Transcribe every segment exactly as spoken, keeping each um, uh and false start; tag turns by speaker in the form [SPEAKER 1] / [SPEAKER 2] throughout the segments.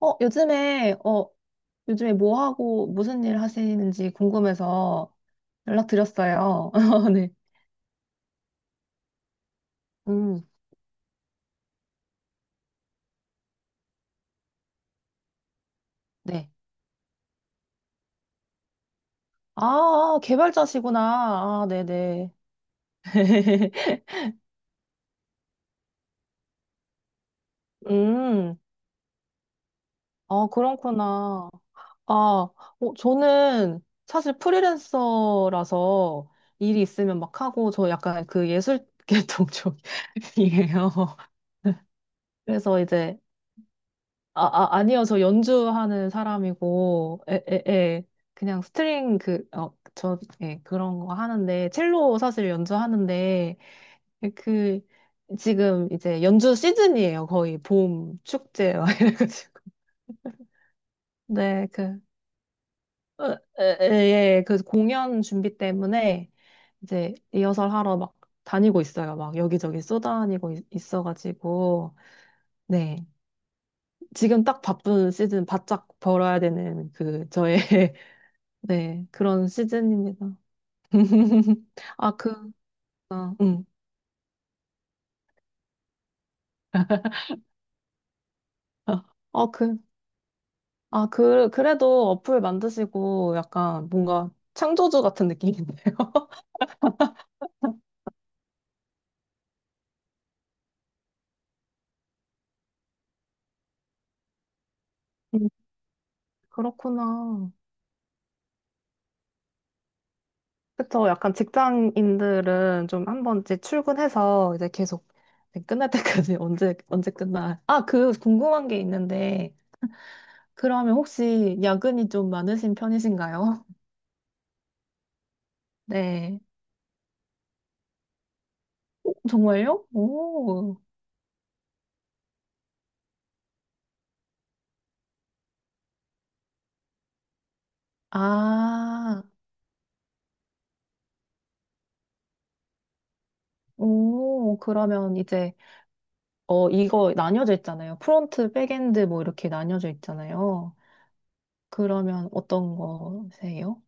[SPEAKER 1] 어, 요즘에, 어, 요즘에 뭐 하고 무슨 일 하시는지 궁금해서 연락드렸어요. 네. 음, 네. 아, 아, 개발자시구나. 아, 네네. 음, 아, 그렇구나. 아, 어, 저는 사실 프리랜서라서 일이 있으면 막 하고, 저 약간 그 예술 계통 쪽이에요. 그래서 이제, 아, 아, 아니요. 저 연주하는 사람이고, 에, 에, 에. 그냥 스트링 그, 어, 저, 예, 그런 거 하는데, 첼로 사실 연주하는데, 그, 그 지금 이제 연주 시즌이에요. 거의 봄 축제, 막 이래가지고. 네, 그, 어, 에, 에, 예, 그 공연 준비 때문에 이제 리허설 하러 막 다니고 있어요. 막 여기저기 쏘다니고 있- 있어가지고, 네. 지금 딱 바쁜 시즌 바짝 벌어야 되는 그 저의 네, 그런 시즌입니다. 아, 그, 아, 음. 아, 어, 그, 아, 그, 그래도 어플 만드시고 약간 뭔가 창조주 같은 느낌인데요. 음, 그렇구나. 그쵸. 약간 직장인들은 좀 한 번씩 출근해서 이제 계속 이제 끝날 때까지 언제, 언제 끝나. 아, 그 궁금한 게 있는데, 그러면 혹시 야근이 좀 많으신 편이신가요? 네. 정말요? 오. 아. 오, 그러면 이제, 어, 이거 나뉘어져 있잖아요. 프론트, 백엔드 뭐 이렇게 나뉘어져 있잖아요. 그러면 어떤 거세요?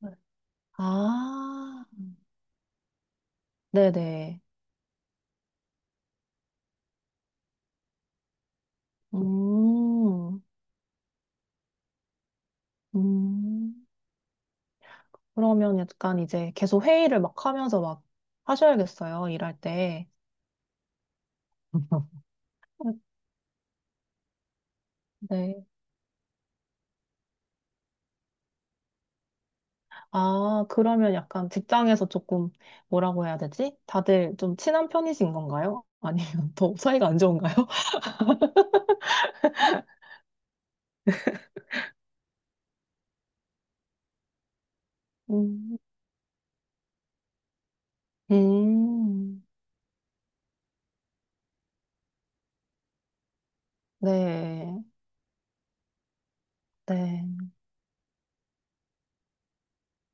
[SPEAKER 1] 네. 아, 네네. 음, 음. 그러면 약간 이제 계속 회의를 막 하면서 막 하셔야겠어요. 일할 때. 네. 아, 그러면 약간 직장에서 조금 뭐라고 해야 되지? 다들 좀 친한 편이신 건가요? 아니면 더 사이가 안 좋은가요? 음. 음, 네, 네.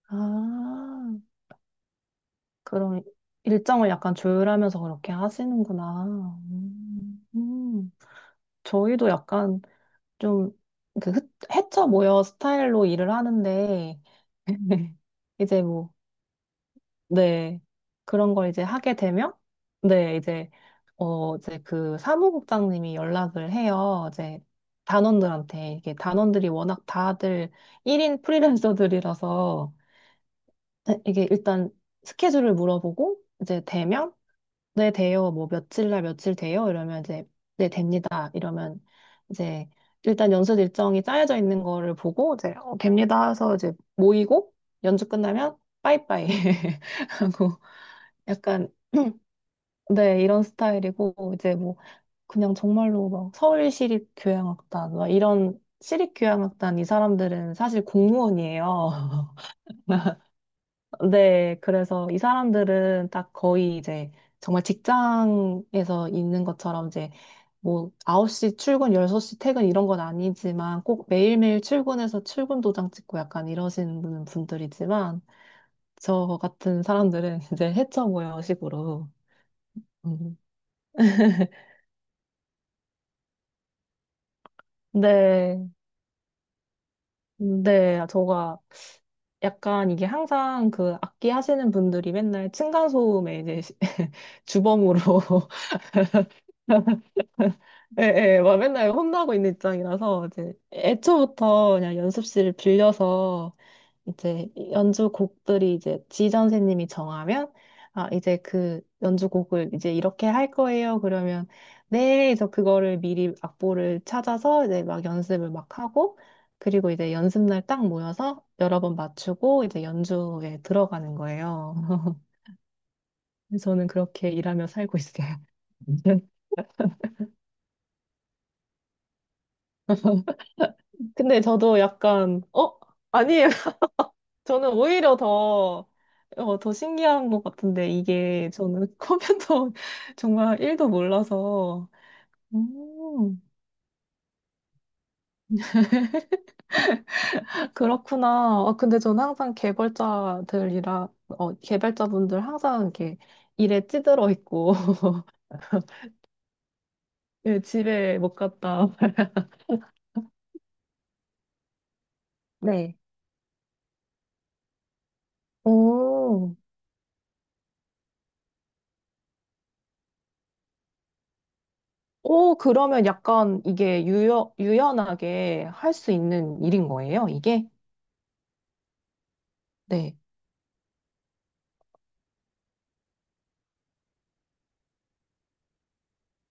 [SPEAKER 1] 아, 그럼 일정을 약간 조율하면서 그렇게 하시는구나. 음, 음. 저희도 약간 좀 그 헤쳐 모여 스타일로 일을 하는데, 이제 뭐, 네. 그런 걸 이제 하게 되면, 네, 이제, 어, 이제 그 사무국장님이 연락을 해요. 이제 단원들한테. 이게 단원들이 워낙 다들 일 인 프리랜서들이라서, 네, 이게 일단 스케줄을 물어보고 이제 되면 네 돼요 뭐 며칠 날 며칠 돼요 이러면 이제 네 됩니다 이러면 이제 일단 연습 일정이 짜여져 있는 거를 보고 이제 어, 됩니다 해서 이제 모이고 연주 끝나면 빠이빠이 하고 약간 네 이런 스타일이고 이제 뭐 그냥 정말로 막 서울 시립교향악단 막 이런 시립교향악단 이 사람들은 사실 공무원이에요. 네, 그래서 이 사람들은 딱 거의 이제 정말 직장에서 있는 것처럼 이제 뭐 아홉 시 출근, 여섯 시 퇴근 이런 건 아니지만 꼭 매일매일 출근해서 출근 도장 찍고 약간 이러시는 분들이지만 저 같은 사람들은 이제 해쳐 모여 식으로. 음. 네, 음, 네, 저가 약간 이게 항상 그 악기 하시는 분들이 맨날 층간소음에 이제 주범으로 예, 예, 막 맨날 혼나고 있는 입장이라서, 이제, 애초부터 그냥 연습실을 빌려서, 이제, 연주 곡들이 이제 지전 선생님이 정하면, 아, 이제 그 연주곡을 이제 이렇게 할 거예요. 그러면, 네, 그래서 그거를 미리 악보를 찾아서 이제 막 연습을 막 하고, 그리고 이제 연습날 딱 모여서 여러 번 맞추고, 이제 연주에 들어가는 거예요. 저는 그렇게 일하며 살고 있어요. 근데 저도 약간, 어? 아니에요. 저는 오히려 더, 어, 더 신기한 것 같은데, 이게 저는 컴퓨터 정말 일도 몰라서. 음, 그렇구나. 아, 근데 저는 항상 개발자들이라, 어, 개발자분들 항상 이렇게 일에 찌들어 있고, 예, 집에 못 갔다. 네. 오, 오, 그러면 약간 이게 유연, 유연하게 할 수 있는 일인 거예요, 이게? 네.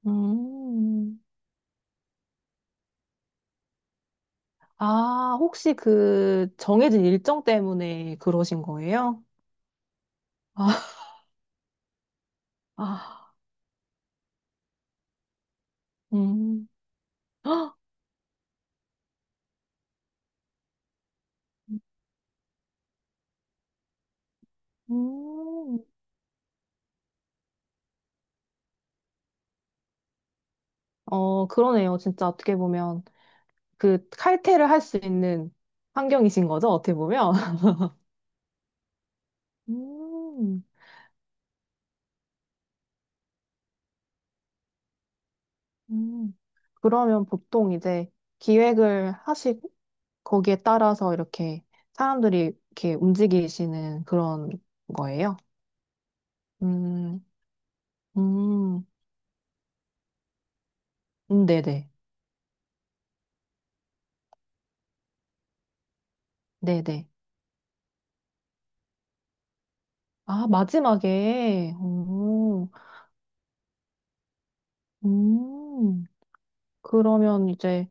[SPEAKER 1] 음. 아, 혹시 그 정해진 일정 때문에 그러신 거예요? 아, 아, 음. 헉, 음. 어, 그러네요. 진짜 어떻게 보면 그 칼퇴를 할 수 있는 환경이신 거죠? 어떻게 보면. 음, 음. 그러면 보통 이제 기획을 하시고 거기에 따라서 이렇게 사람들이 이렇게 움직이시는 그런 거예요? 음, 음, 음, 네네. 네네. 아, 마지막에. 오, 음. 그러면 이제,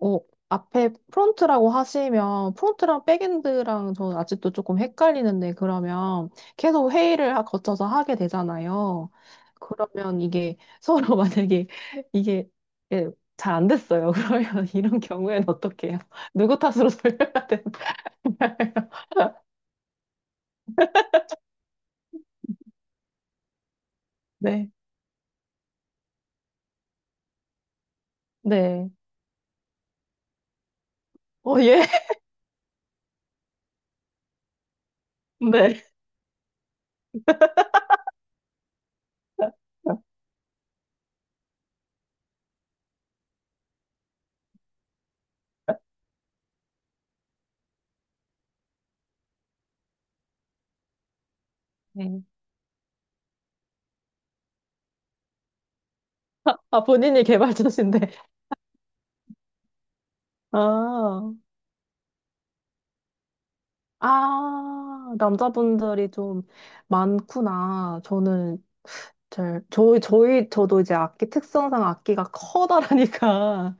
[SPEAKER 1] 어, 앞에 프론트라고 하시면, 프론트랑 백엔드랑 저는 아직도 조금 헷갈리는데, 그러면 계속 회의를 하- 거쳐서 하게 되잖아요. 그러면 이게 서로 만약에 이게 예, 잘안 됐어요. 그러면 이런 경우에는 어떻게 해요? 누구 탓으로 돌려야 되나요? 네. 네. 어, 예. 네. 네. 아, 본인이 개발자신데. 아, 아, 남자분들이 좀 많구나. 저는 잘, 저희, 저희, 저도 이제 악기 특성상 악기가 커다라니까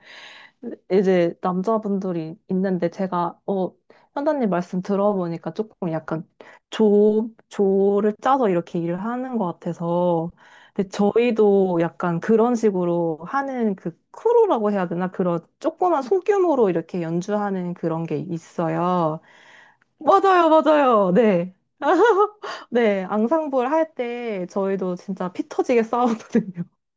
[SPEAKER 1] 이제 남자분들이 있는데 제가, 어, 현다님 말씀 들어보니까 조금 약간 조, 조를 짜서 이렇게 일을 하는 것 같아서. 근데 저희도 약간 그런 식으로 하는 그 크루라고 해야 되나? 그런 조그만 소규모로 이렇게 연주하는 그런 게 있어요. 맞아요, 맞아요. 네. 네, 앙상블 할 때 저희도 진짜 피 터지게 싸웠거든요.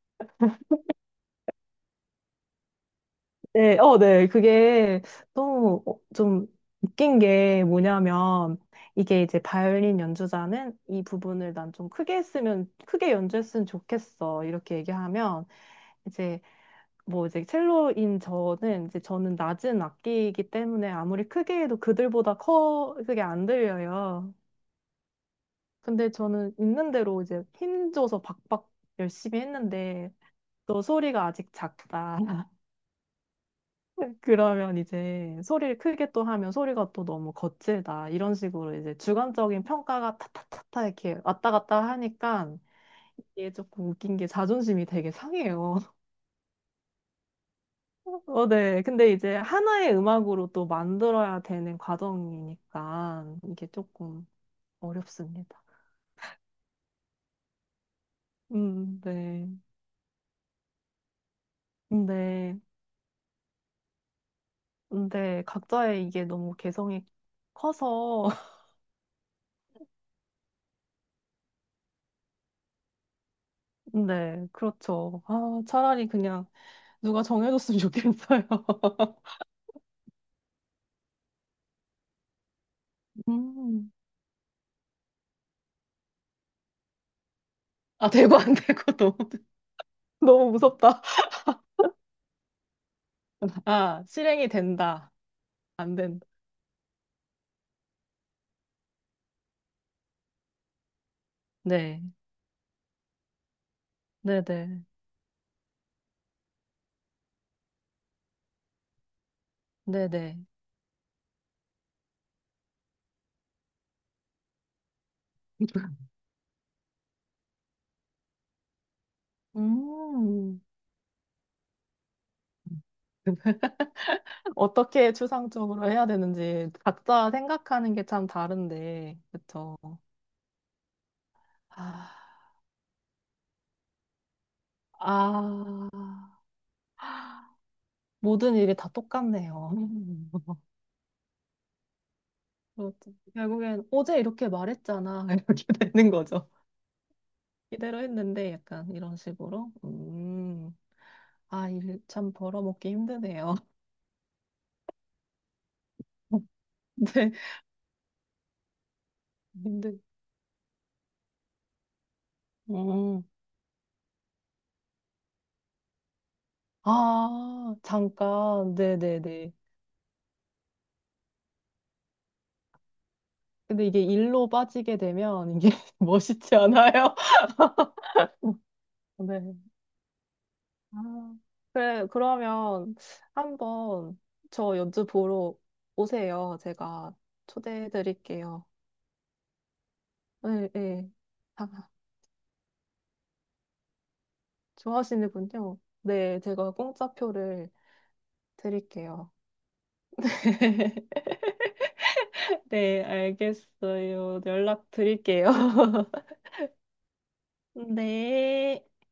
[SPEAKER 1] 네, 어, 네. 그게 너무 어, 좀 웃긴 게 뭐냐면 이게 이제 바이올린 연주자는 이 부분을 난 좀 크게 했으면 크게 연주했으면 좋겠어. 이렇게 얘기하면 이제 뭐 이제 첼로인 저는 이제 저는 낮은 악기이기 때문에 아무리 크게 해도 그들보다 커 그게 안 들려요. 근데 저는 있는 대로 이제 힘줘서 박박 열심히 했는데 너 소리가 아직 작다. 그러면 이제 소리를 크게 또 하면 소리가 또 너무 거칠다. 이런 식으로 이제 주관적인 평가가 타타타타 이렇게 왔다 갔다 하니까 이게 조금 웃긴 게 자존심이 되게 상해요. 어, 네. 근데 이제 하나의 음악으로 또 만들어야 되는 과정이니까 이게 조금 어렵습니다. 음, 네. 네. 근데 각자의 이게 너무 개성이 커서, 네, 그렇죠. 아, 차라리 그냥 누가 정해줬으면 좋겠어요. 음. 아, 되고 안 되고 너무, 너무 무섭다. 아, 실행이 된다. 안 된다. 네, 네네, 네네. 음. 어떻게 추상적으로 해야 되는지 각자 생각하는 게 참 다른데, 그쵸? 아, 아, 모든 일이 다 똑같네요. 그렇죠. 결국엔 어제 이렇게 말했잖아. 이렇게 되는 거죠. 이대로 했는데 약간 이런 식으로. 음, 아, 일 참 벌어먹기 힘드네요. 네, 힘들. 음. 아, 잠깐. 네네네. 근데 이게 일로 빠지게 되면 이게 멋있지 않아요? 네. 아, 그래, 그러면 한번 저 연주 보러 오세요. 제가 초대해 드릴게요. 네, 네. 아, 좋아하시는군요. 네, 제가 공짜표를 드릴게요. 네, 알겠어요. 연락 드릴게요. 네.